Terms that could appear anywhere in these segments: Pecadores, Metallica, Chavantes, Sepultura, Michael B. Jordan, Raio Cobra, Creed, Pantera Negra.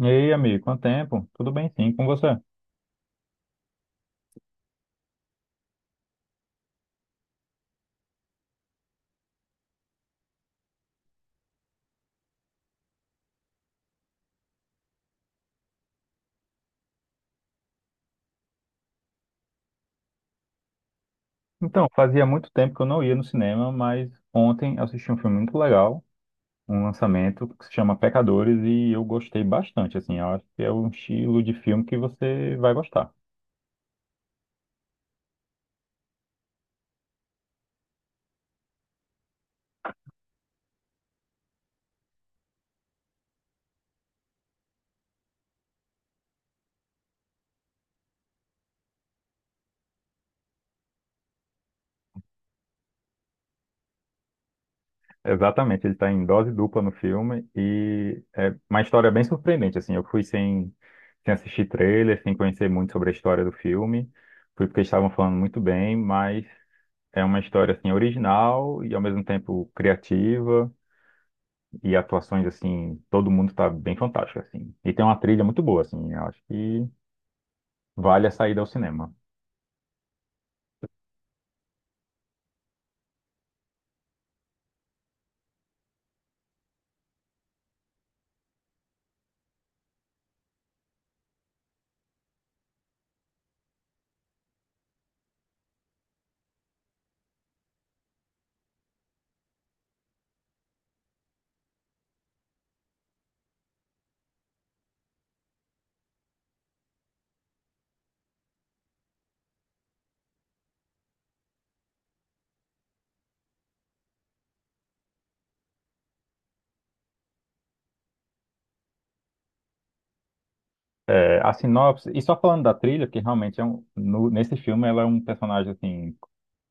E aí, amigo, quanto tempo? Tudo bem, sim, com você? Então, fazia muito tempo que eu não ia no cinema, mas ontem eu assisti um filme muito legal, um lançamento que se chama Pecadores e eu gostei bastante, assim, eu acho que é um estilo de filme que você vai gostar. Exatamente, ele está em dose dupla no filme e é uma história bem surpreendente, assim, eu fui sem assistir trailer, sem conhecer muito sobre a história do filme, fui porque estavam falando muito bem, mas é uma história, assim, original e ao mesmo tempo criativa, e atuações, assim, todo mundo tá bem fantástico, assim. E tem uma trilha muito boa, assim, eu acho que vale a saída ao cinema. É, a sinopse, e só falando da trilha, que realmente é um, nesse filme ela é um personagem, assim,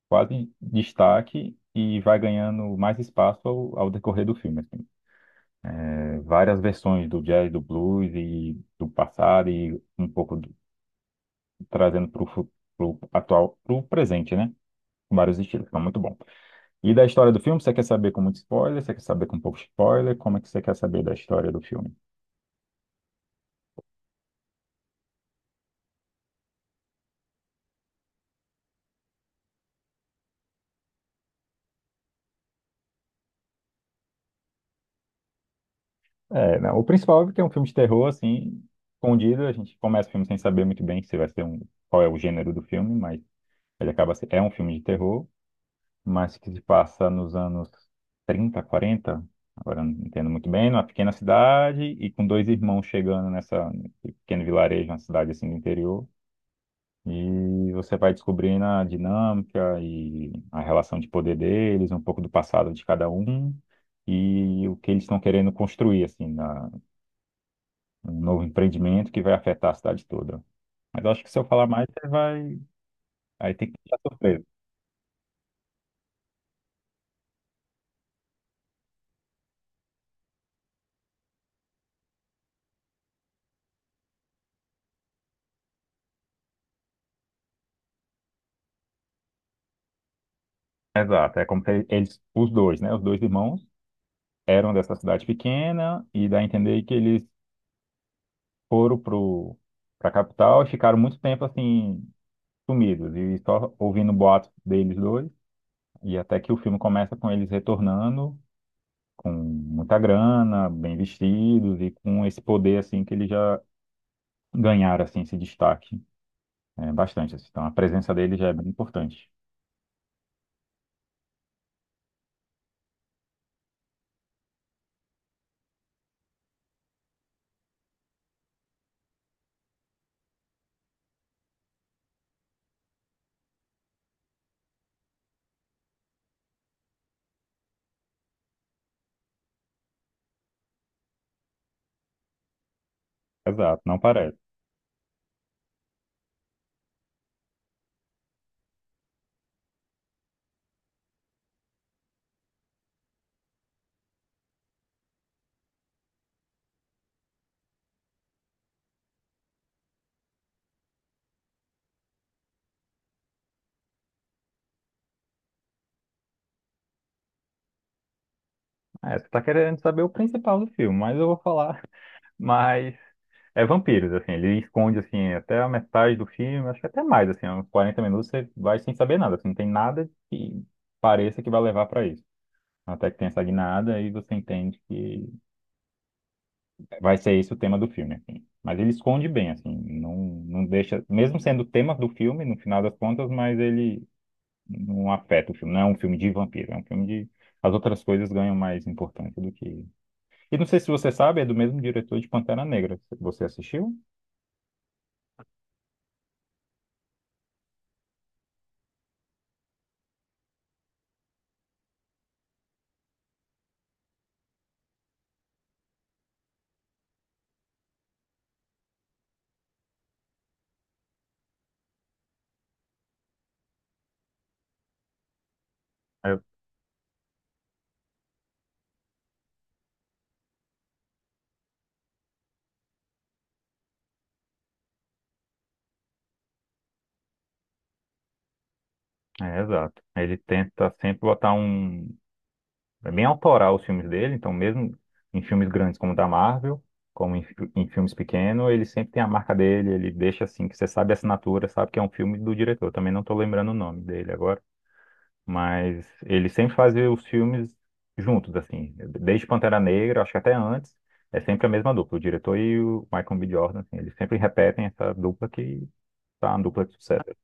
quase destaque e vai ganhando mais espaço ao decorrer do filme, assim. É, várias versões do jazz, do blues e do passado e trazendo para o atual para o presente, né? Vários estilos, então muito bom. E da história do filme, você quer saber com muito spoiler? Você quer saber com pouco spoiler? Como é que você quer saber da história do filme? É, não, o principal é que é um filme de terror, assim, escondido. A gente começa o filme sem saber muito bem se vai ser um, qual é o gênero do filme, mas ele acaba se- é um filme de terror, mas que se passa nos anos 30, 40. Agora eu não entendo muito bem, numa pequena cidade e com dois irmãos chegando nessa nesse pequeno vilarejo, uma cidade assim do interior. E você vai descobrindo a dinâmica e a relação de poder deles, um pouco do passado de cada um e o que eles estão querendo construir, assim, um novo empreendimento que vai afetar a cidade toda. Mas eu acho que se eu falar mais, você vai. Aí tem que ficar surpreso. Exato, é como se eles, os dois, né? Os dois irmãos eram dessa cidade pequena e dá a entender que eles foram pro, pra capital e ficaram muito tempo, assim, sumidos e só ouvindo boatos deles dois. E até que o filme começa com eles retornando com muita grana, bem vestidos e com esse poder assim que eles já ganharam assim esse destaque, é, bastante, assim. Então a presença dele já é bem importante. Exato, não parece. É, você tá querendo saber o principal do filme, mas eu vou falar. Mas é vampiros, assim, ele esconde assim até a metade do filme, acho que até mais, assim, uns 40 minutos você vai sem saber nada, assim, não tem nada que pareça que vai levar para isso. Até que tem essa guinada e você entende que vai ser esse o tema do filme, assim. Mas ele esconde bem, assim, não, não deixa, mesmo sendo o tema do filme, no final das contas, mas ele não afeta o filme. Não é um filme de vampiro, é um filme de. As outras coisas ganham mais importância do que. E não sei se você sabe, é do mesmo diretor de Pantera Negra. Você assistiu? É, exato. Ele tenta sempre botar um, é bem autoral os filmes dele, então mesmo em filmes grandes como o da Marvel, como em, em filmes pequenos, ele sempre tem a marca dele, ele deixa assim, que você sabe a assinatura, sabe que é um filme do diretor. Eu também não estou lembrando o nome dele agora, mas ele sempre faz os filmes juntos, assim, desde Pantera Negra, acho que até antes, é sempre a mesma dupla, o diretor e o Michael B. Jordan, assim, eles sempre repetem essa dupla que tá uma dupla de sucesso.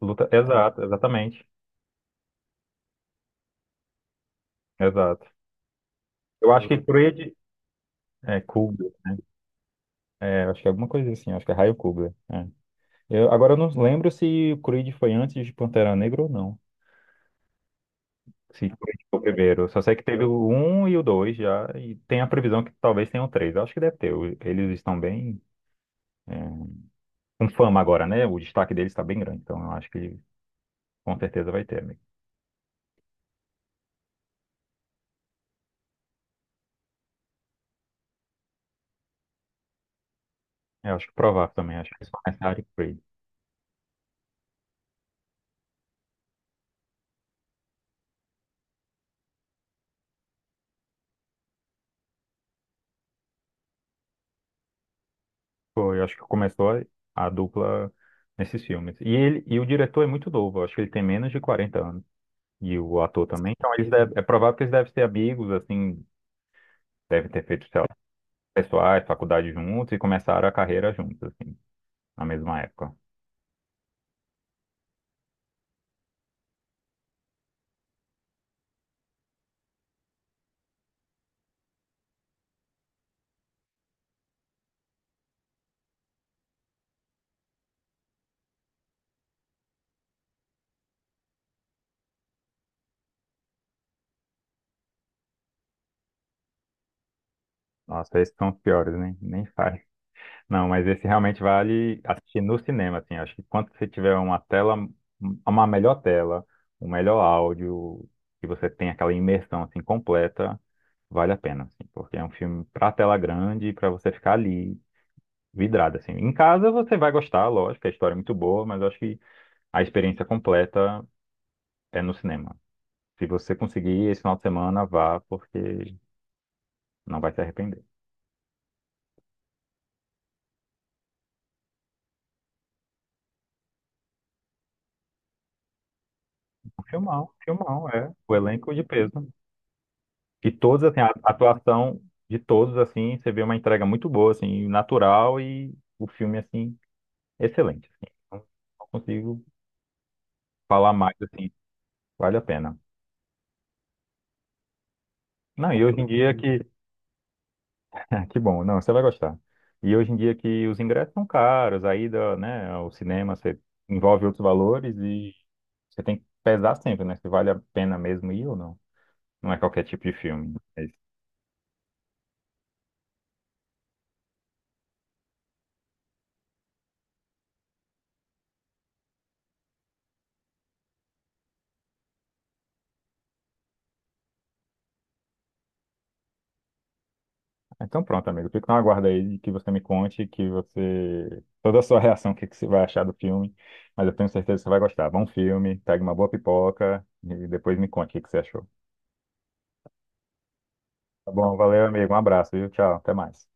Luta, exato, exatamente, exato. Eu acho que Luta. Creed é cool. É, acho que é alguma coisa assim, acho que é Raio Cobra. É. Agora eu não lembro se o Creed foi antes de Pantera Negra ou não. Se o Creed foi o primeiro. Só sei que teve o 1 e o 2 já, e tem a previsão que talvez tenha o 3. Acho que deve ter. Eles estão bem, é, com fama agora, né? O destaque deles está bem grande, então eu acho que com certeza vai ter, amigo. É, eu acho que provável também, acho que só nessa área Creed. Foi, eu acho que a dupla nesses filmes. E, ele, e o diretor é muito novo, eu acho que ele tem menos de 40 anos. E o ator também. Então, é provável que eles devem ser amigos, assim, devem ter feito, sei lá, pessoais, faculdade juntos e começaram a carreira juntos, assim, na mesma época. Nossa, esses são os piores, né? Nem faz. Não, mas esse realmente vale assistir no cinema, assim. Acho que quando você tiver uma tela, uma melhor tela, um melhor áudio, que você tem aquela imersão, assim, completa, vale a pena, assim, porque é um filme pra tela grande, pra você ficar ali vidrado, assim. Em casa você vai gostar, lógico, a história é muito boa, mas eu acho que a experiência completa é no cinema. Se você conseguir esse final de semana, vá, porque não vai se arrepender. Um filmão, um filmão, é. O elenco de peso. E todos, assim, a atuação de todos, assim, você vê uma entrega muito boa, assim, natural e o filme, assim, excelente, assim. Não não consigo falar mais, assim, vale a pena. Não, e hoje em dia que ah, que bom, não, você vai gostar. E hoje em dia que os ingressos são caros, a ida, né, ao cinema você envolve outros valores e você tem que pesar sempre, né, se vale a pena mesmo ir ou não. Não é qualquer tipo de filme. É então pronto, amigo, fico na aguarda aí de que você me conte, que você... toda a sua reação, o que que você vai achar do filme, mas eu tenho certeza que você vai gostar. Bom filme, pegue uma boa pipoca e depois me conte o que que você achou. Tá bom, valeu, amigo, um abraço, viu? Tchau, até mais.